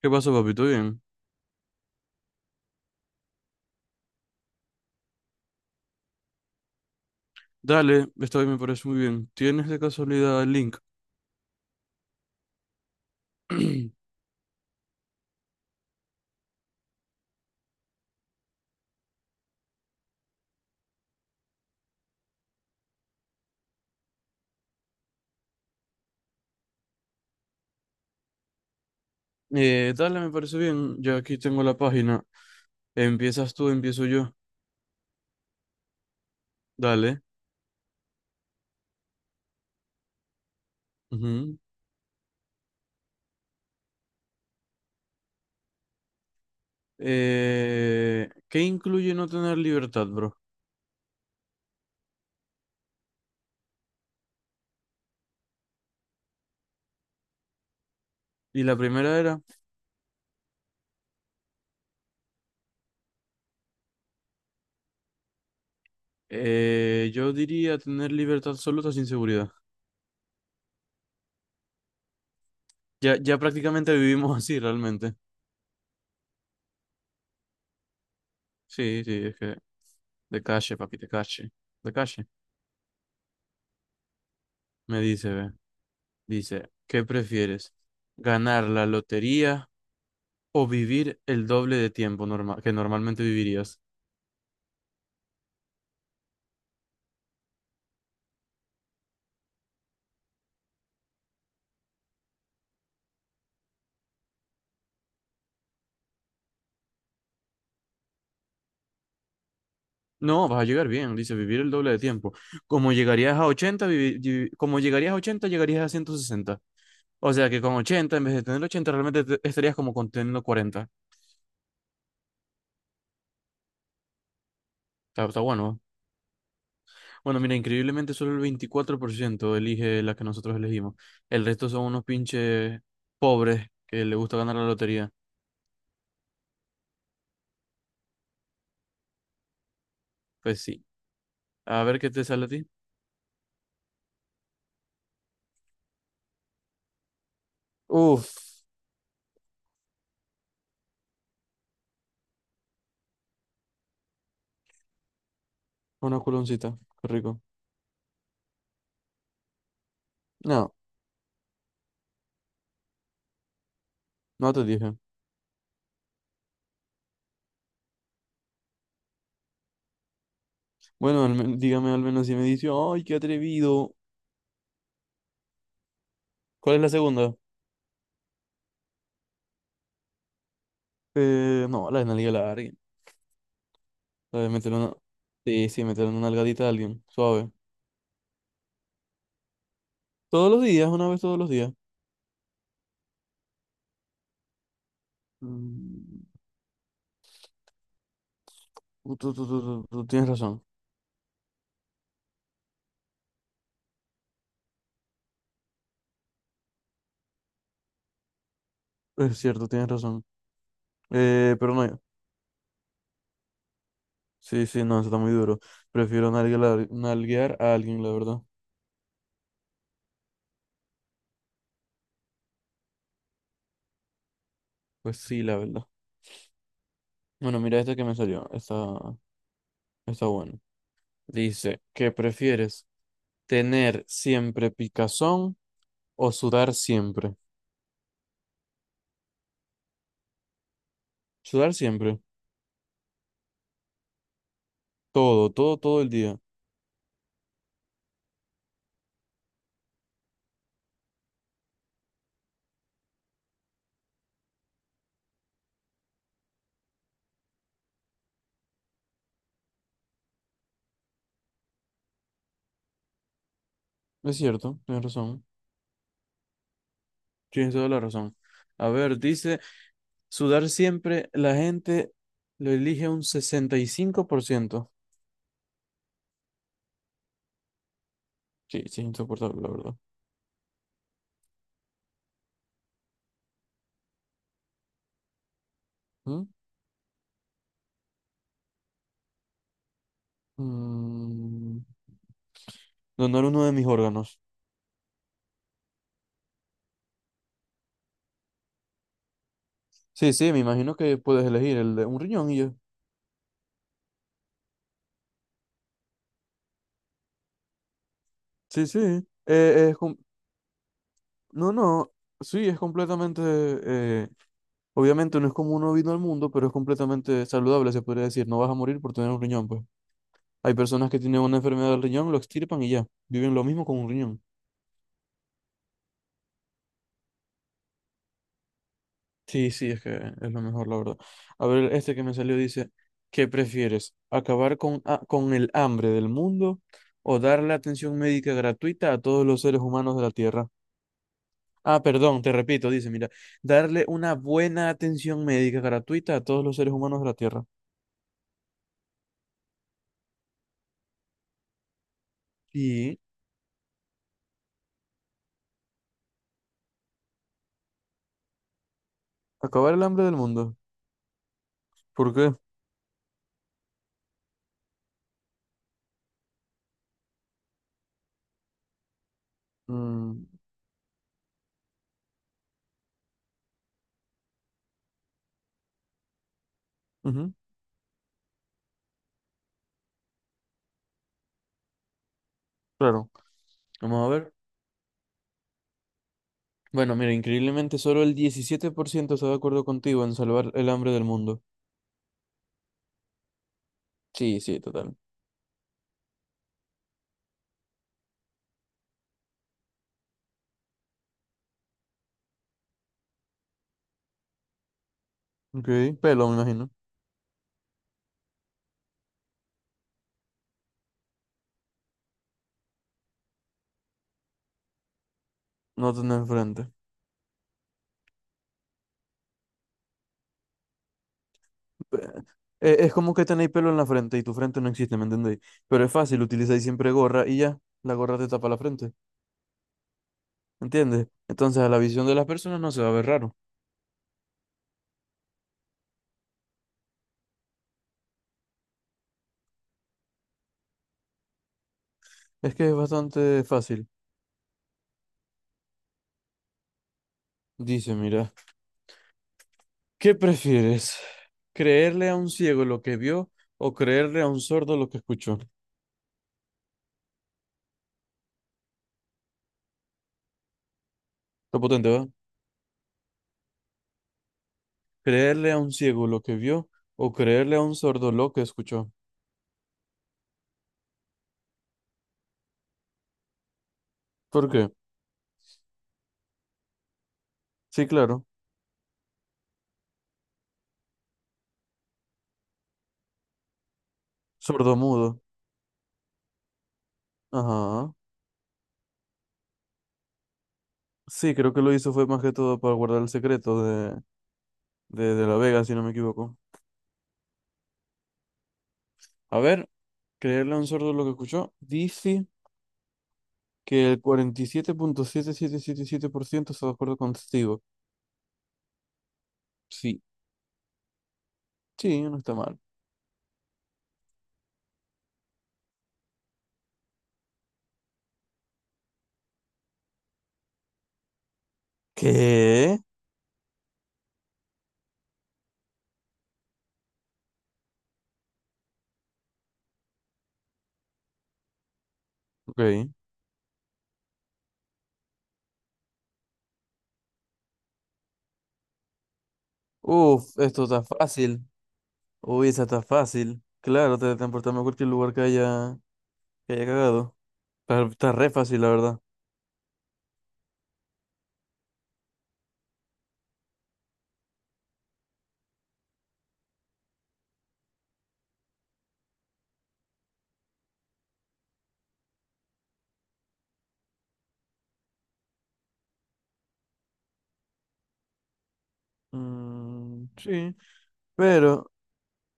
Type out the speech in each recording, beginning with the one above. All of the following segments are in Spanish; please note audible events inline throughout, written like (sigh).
¿Qué pasó, papito? Bien. Dale, esta vez me parece muy bien. ¿Tienes de casualidad el link? (clears throat) Dale, me parece bien. Ya aquí tengo la página. Empiezas tú, empiezo yo. Dale. Ujú. ¿Qué incluye no tener libertad, bro? Y la primera era, yo diría tener libertad absoluta sin seguridad. Ya, ya prácticamente vivimos (laughs) así, realmente. Sí, sí, es que de calle, papi, de calle. De calle. Me dice, ve. Dice, ¿qué prefieres? ¿Ganar la lotería? O vivir el doble de tiempo que normalmente vivirías. No, vas a llegar bien, dice vivir el doble de tiempo. Como llegarías a 80 como llegarías a 80 llegarías a ciento sesenta. O sea que con 80 en vez de tener 80 realmente estarías como con teniendo 40. Está, está bueno, ¿eh? Bueno, mira, increíblemente solo el 24% elige la que nosotros elegimos. El resto son unos pinches pobres que les gusta ganar la lotería. Pues sí. A ver qué te sale a ti. Uf, una culoncita. Qué rico. No, no te dije. Bueno, dígame al menos si me dice, ay, qué atrevido. ¿Cuál es la segunda? No, la de nalga larga. La de meterle una... Sí, sí, meterle una nalgadita a alguien. Suave. Todos los días, una vez todos los días. Mm, tú tienes razón. Es cierto, tienes razón. Pero no. Sí, sí, no, eso está muy duro. Prefiero nalga nalguear a alguien, la verdad. Pues sí, la verdad. Bueno, mira esta que me salió. Está, está bueno. Dice, ¿qué prefieres? ¿Tener siempre picazón? O sudar siempre. Sudar siempre. Todo, todo, todo el día. Es cierto, tienes razón. Tienes toda la razón. A ver, dice, sudar siempre, la gente lo elige un sesenta y cinco por ciento. Sí, sí, es insoportable, la verdad. ¿Mm? Mm, Donar uno de mis órganos. Sí, sí, me imagino que puedes elegir el de un riñón y ya. Sí, sí. Eh, es com- no, no. Sí, es completamente. Obviamente no es como uno vino al mundo, pero es completamente saludable, se podría decir. No vas a morir por tener un riñón, pues. Hay personas que tienen una enfermedad del riñón, lo extirpan y ya. Viven lo mismo con un riñón. Sí, sí, es que es lo mejor, la verdad. A ver, este que me salió dice, ¿qué prefieres? ¿Acabar con el hambre del mundo o darle atención médica gratuita a todos los seres humanos de la Tierra? Ah, perdón, te repito, dice, mira, darle una buena atención médica gratuita a todos los seres humanos de la Tierra. Y acabar el hambre del mundo. ¿Por qué? Mm, ujú, claro. Vamos a ver. Bueno, mira, increíblemente solo el 17% está de acuerdo contigo en salvar el hambre del mundo. Sí, sí, total. Ok, pelo, me imagino. No tenés frente. Pe- Es como que tenéis pelo en la frente y tu frente no existe, ¿me entendéis? Pero es fácil, utilizáis siempre gorra y ya, la gorra te tapa la frente, ¿entiendes? Entonces a la visión de las personas no se va a ver raro. Es que es bastante fácil. Dice, mira, ¿qué prefieres? ¿Creerle a un ciego lo que vio o creerle a un sordo lo que escuchó? Lo potente, ¿verdad? Creerle a un ciego lo que vio o creerle a un sordo lo que escuchó. ¿Por qué? Sí, claro. Sordomudo. Ajá. Sí, creo que lo hizo fue más que todo para guardar el secreto de, de la Vega, si no me equivoco. A ver, creerle a un sordo lo que escuchó. Dice que el cuarenta y siete punto siete siete siete siete por ciento está de acuerdo contigo. Sí. Sí, no está mal. ¿Qué? Ok. Uf, esto está fácil. Uy, esa está fácil. Claro, te transportamos a cualquier lugar que haya. Que haya cagado. Está, está re fácil, la verdad. Mm, sí, pero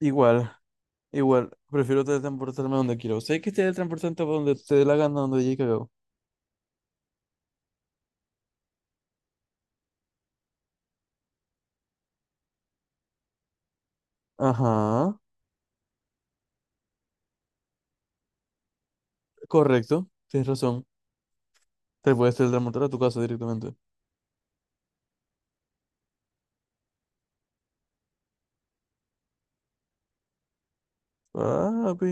igual, igual. Prefiero teletransportarme a donde quiero. Sé que teletransportarte a donde te dé la gana, donde haya cagado. Ajá, correcto. Tienes razón. Te puedes teletransportar a tu casa directamente. Papi.